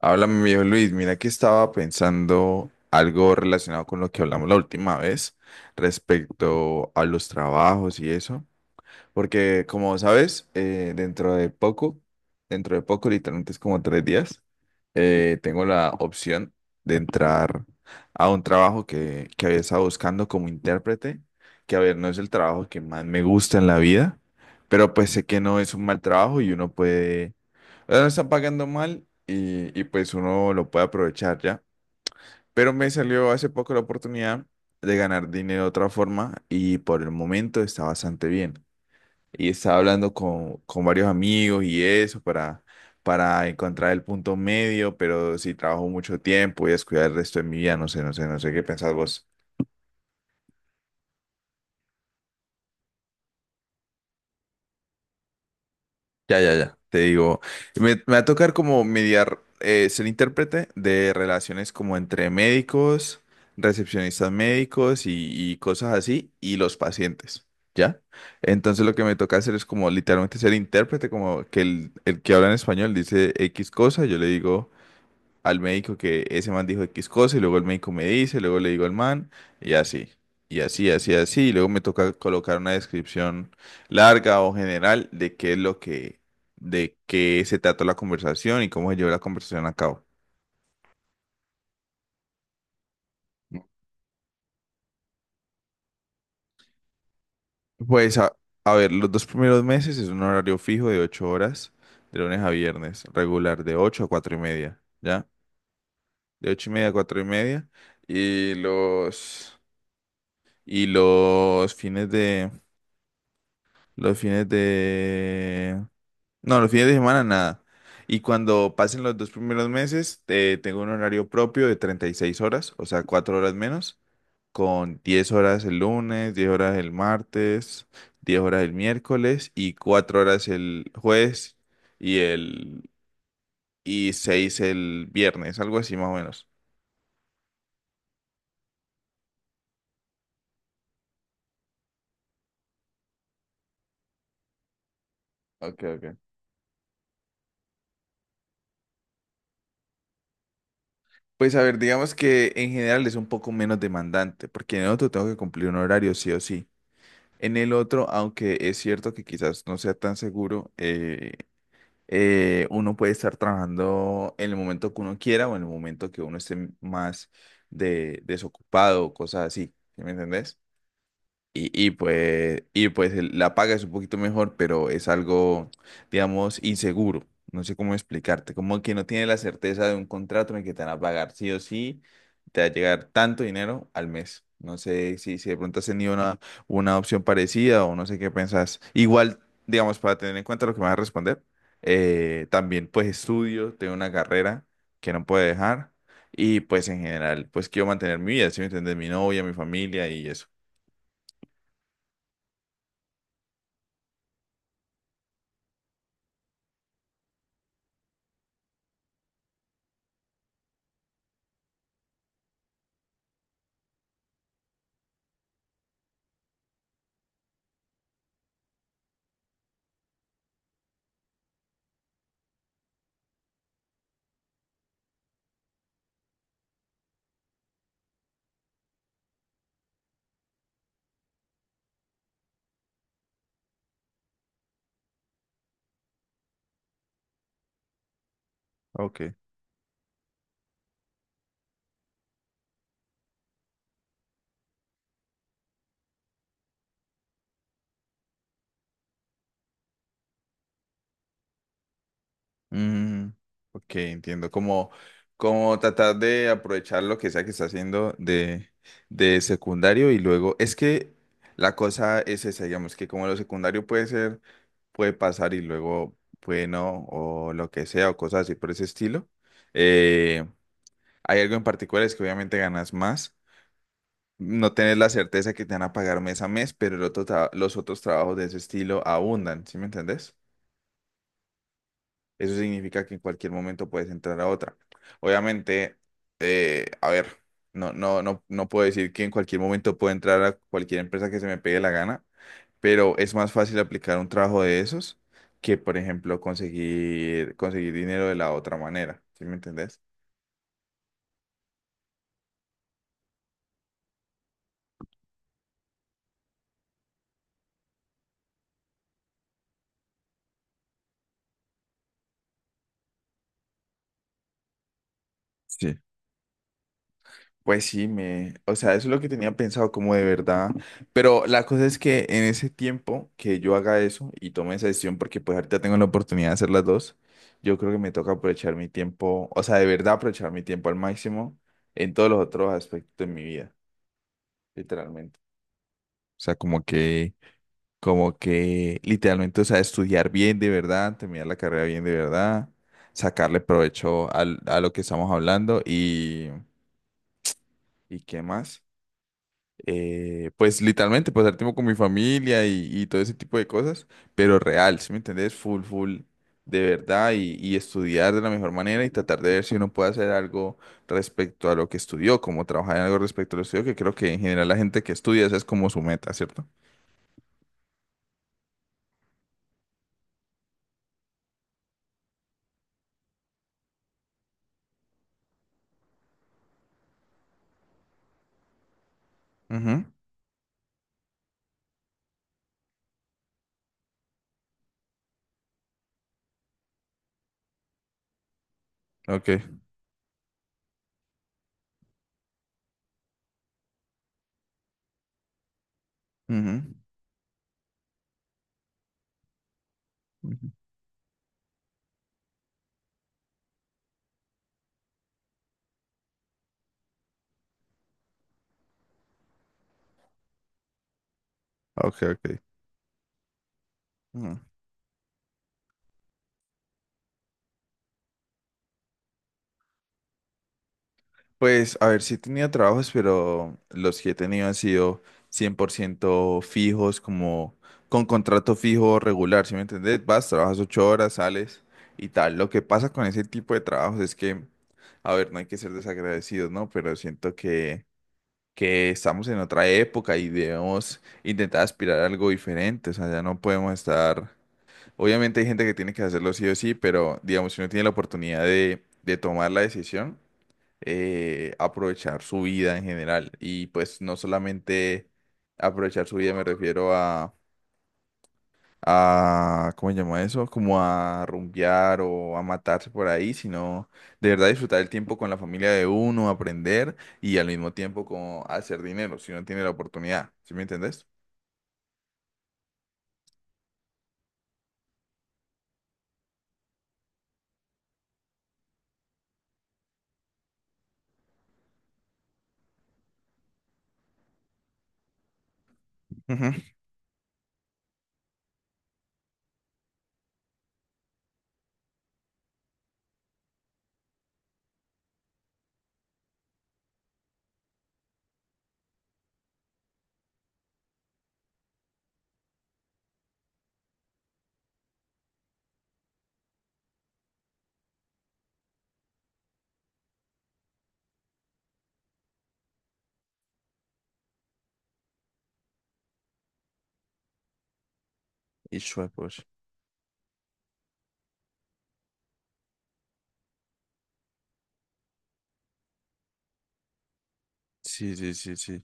Háblame, mi viejo Luis. Mira que estaba pensando algo relacionado con lo que hablamos la última vez respecto a los trabajos y eso. Porque, como sabes, dentro de poco, literalmente es como 3 días. Tengo la opción de entrar a un trabajo que había estado buscando como intérprete, que a ver, no es el trabajo que más me gusta en la vida, pero pues sé que no es un mal trabajo y uno puede, ya no están pagando mal, y pues uno lo puede aprovechar ya. Pero me salió hace poco la oportunidad de ganar dinero de otra forma y por el momento está bastante bien. Y estaba hablando con varios amigos y eso para encontrar el punto medio, pero si trabajo mucho tiempo voy a descuidar el resto de mi vida. No sé qué pensás vos. Ya, ya, ya, te digo. Me va a tocar como mediar, ser intérprete de relaciones como entre médicos, recepcionistas médicos y cosas así, y los pacientes, ¿ya? Entonces lo que me toca hacer es como literalmente ser intérprete, como que el que habla en español dice X cosa, yo le digo al médico que ese man dijo X cosa y luego el médico me dice, luego le digo al man y así, y luego me toca colocar una descripción larga o general de qué es lo que, de qué se trató la conversación y cómo se llevó la conversación a cabo. Pues a ver, los dos primeros meses es un horario fijo de 8 horas, de lunes a viernes, regular, de 8:00 a 4:30, ¿ya? De 8:30 a 4:30. Y los, y los fines de, Los fines de... No, los fines de semana nada. Y cuando pasen los dos primeros meses, tengo un horario propio de 36 horas, o sea, 4 horas menos, con 10 horas el lunes, 10 horas el martes, 10 horas el miércoles y 4 horas el jueves y el... y 6 el viernes, algo así más o menos. Okay, okay. Pues a ver, digamos que en general es un poco menos demandante, porque en otro tengo que cumplir un horario sí o sí. En el otro, aunque es cierto que quizás no sea tan seguro, uno puede estar trabajando en el momento que uno quiera o en el momento que uno esté más desocupado o cosas así. ¿Sí me entendés? Y pues la paga es un poquito mejor, pero es algo, digamos, inseguro. No sé cómo explicarte. Como que no tiene la certeza de un contrato en el que te van a pagar sí o sí, te va a llegar tanto dinero al mes. No sé si de pronto has tenido una opción parecida o no sé qué pensás. Igual, digamos, para tener en cuenta lo que me vas a responder, también pues estudio, tengo una carrera que no puedo dejar y pues en general, pues quiero mantener mi vida, ¿si me entiendes? Mi novia, mi familia y eso. Ok. Mm, ok, entiendo. Como tratar de aprovechar lo que sea que está haciendo de secundario y luego. Es que la cosa es esa, digamos, que como lo secundario puede ser, puede pasar y luego, bueno, o lo que sea, o cosas así por ese estilo. eh, Hay algo en particular, es que obviamente ganas más. No tenés la certeza que te van a pagar mes a mes, pero los otros trabajos de ese estilo abundan, ¿sí me entendés? Eso significa que en cualquier momento puedes entrar a otra. Obviamente, a ver, no puedo decir que en cualquier momento puedo entrar a cualquier empresa que se me pegue la gana, pero es más fácil aplicar un trabajo de esos que, por ejemplo, conseguir dinero de la otra manera. ¿Sí me entendés? Sí. Pues sí, o sea, eso es lo que tenía pensado como de verdad, pero la cosa es que en ese tiempo que yo haga eso y tome esa decisión, porque pues ahorita tengo la oportunidad de hacer las dos, yo creo que me toca aprovechar mi tiempo, o sea, de verdad aprovechar mi tiempo al máximo en todos los otros aspectos de mi vida, literalmente. O sea, como que literalmente, o sea, estudiar bien de verdad, terminar la carrera bien de verdad, sacarle provecho a lo que estamos hablando ¿y qué más? Pues literalmente pasar tiempo con mi familia y todo ese tipo de cosas, pero real, ¿sí me entendés? Full, full, de verdad, y estudiar de la mejor manera y tratar de ver si uno puede hacer algo respecto a lo que estudió, como trabajar en algo respecto a lo que estudió, que creo que en general la gente que estudia esa es como su meta, ¿cierto? Ujú. Ok. Ujú, ujú. Ok, ok. Ujú. Pues, a ver, sí he tenido trabajos, pero los que he tenido han sido 100% fijos, como con contrato fijo regular, ¿sí me entendés? Vas, trabajas 8 horas, sales y tal. Lo que pasa con ese tipo de trabajos es que, a ver, no hay que ser desagradecidos, ¿no? Pero siento que estamos en otra época y debemos intentar aspirar a algo diferente, o sea, ya no podemos estar... Obviamente hay gente que tiene que hacerlo sí o sí, pero digamos, si uno tiene la oportunidad de tomar la decisión, aprovechar su vida en general. Y pues no solamente aprovechar su vida, me refiero a ¿cómo se llama eso? Como a rumbear o a matarse por ahí, sino de verdad disfrutar el tiempo con la familia de uno, aprender y al mismo tiempo como hacer dinero si uno tiene la oportunidad. ¿Sí me entendés? Ujú. Pues. Sí, sí, sí, sí.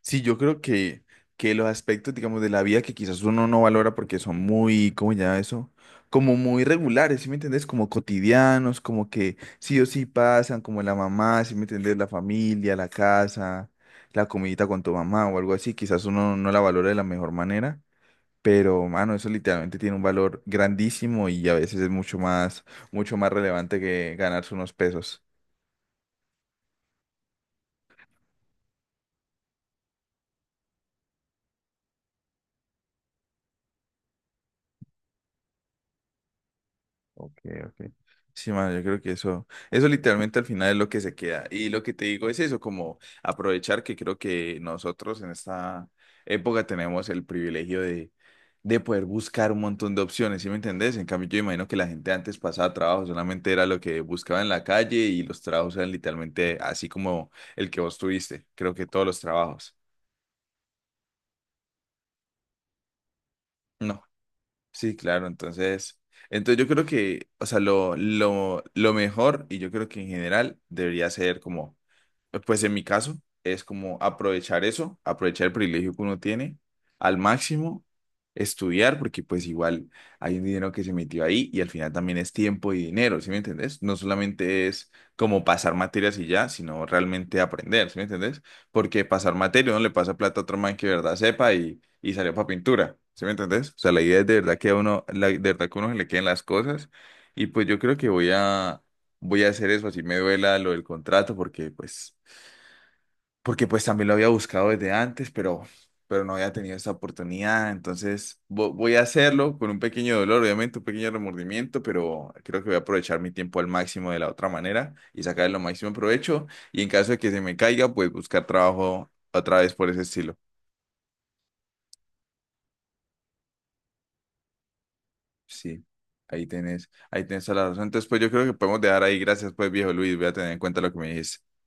Sí, yo creo que los aspectos, digamos, de la vida que quizás uno no valora porque son muy, ¿cómo ya eso? Como muy regulares, ¿sí me entendés? Como cotidianos, como que sí o sí pasan, como la mamá, ¿sí me entendés? La familia, la casa, la comidita con tu mamá o algo así, quizás uno no la valora de la mejor manera, pero, mano, eso literalmente tiene un valor grandísimo y a veces es mucho más relevante que ganarse unos pesos. Ok, ok. Sí, man, yo creo que eso literalmente al final es lo que se queda. Y lo que te digo es eso, como aprovechar que creo que nosotros en esta época tenemos el privilegio de poder buscar un montón de opciones, ¿sí me entendés? En cambio, yo imagino que la gente antes pasaba trabajo, solamente era lo que buscaba en la calle y los trabajos eran literalmente así como el que vos tuviste, creo que todos los trabajos. No. Sí, claro, entonces yo creo que, o sea, lo mejor, y yo creo que en general debería ser como, pues en mi caso, es como aprovechar eso, aprovechar el privilegio que uno tiene al máximo, estudiar, porque pues igual hay un dinero que se metió ahí y al final también es tiempo y dinero, ¿sí me entendés? No solamente es como pasar materias y ya, sino realmente aprender, ¿sí me entendés? Porque pasar materia, uno le pasa plata a otro man que de verdad sepa y salió para pintura, ¿sí me entendés? O sea, la idea es de verdad que a uno, la, de verdad que a uno se le queden las cosas y pues yo creo que voy a hacer eso, así me duela lo del contrato, porque pues también lo había buscado desde antes, pero no había tenido esa oportunidad. Entonces voy a hacerlo con un pequeño dolor, obviamente, un pequeño remordimiento, pero creo que voy a aprovechar mi tiempo al máximo de la otra manera y sacar lo máximo provecho. Y en caso de que se me caiga, pues buscar trabajo otra vez por ese estilo. Sí. Ahí tenés toda la razón. Entonces, pues yo creo que podemos dejar ahí. Gracias, pues, viejo Luis. Voy a tener en cuenta lo que me dijiste.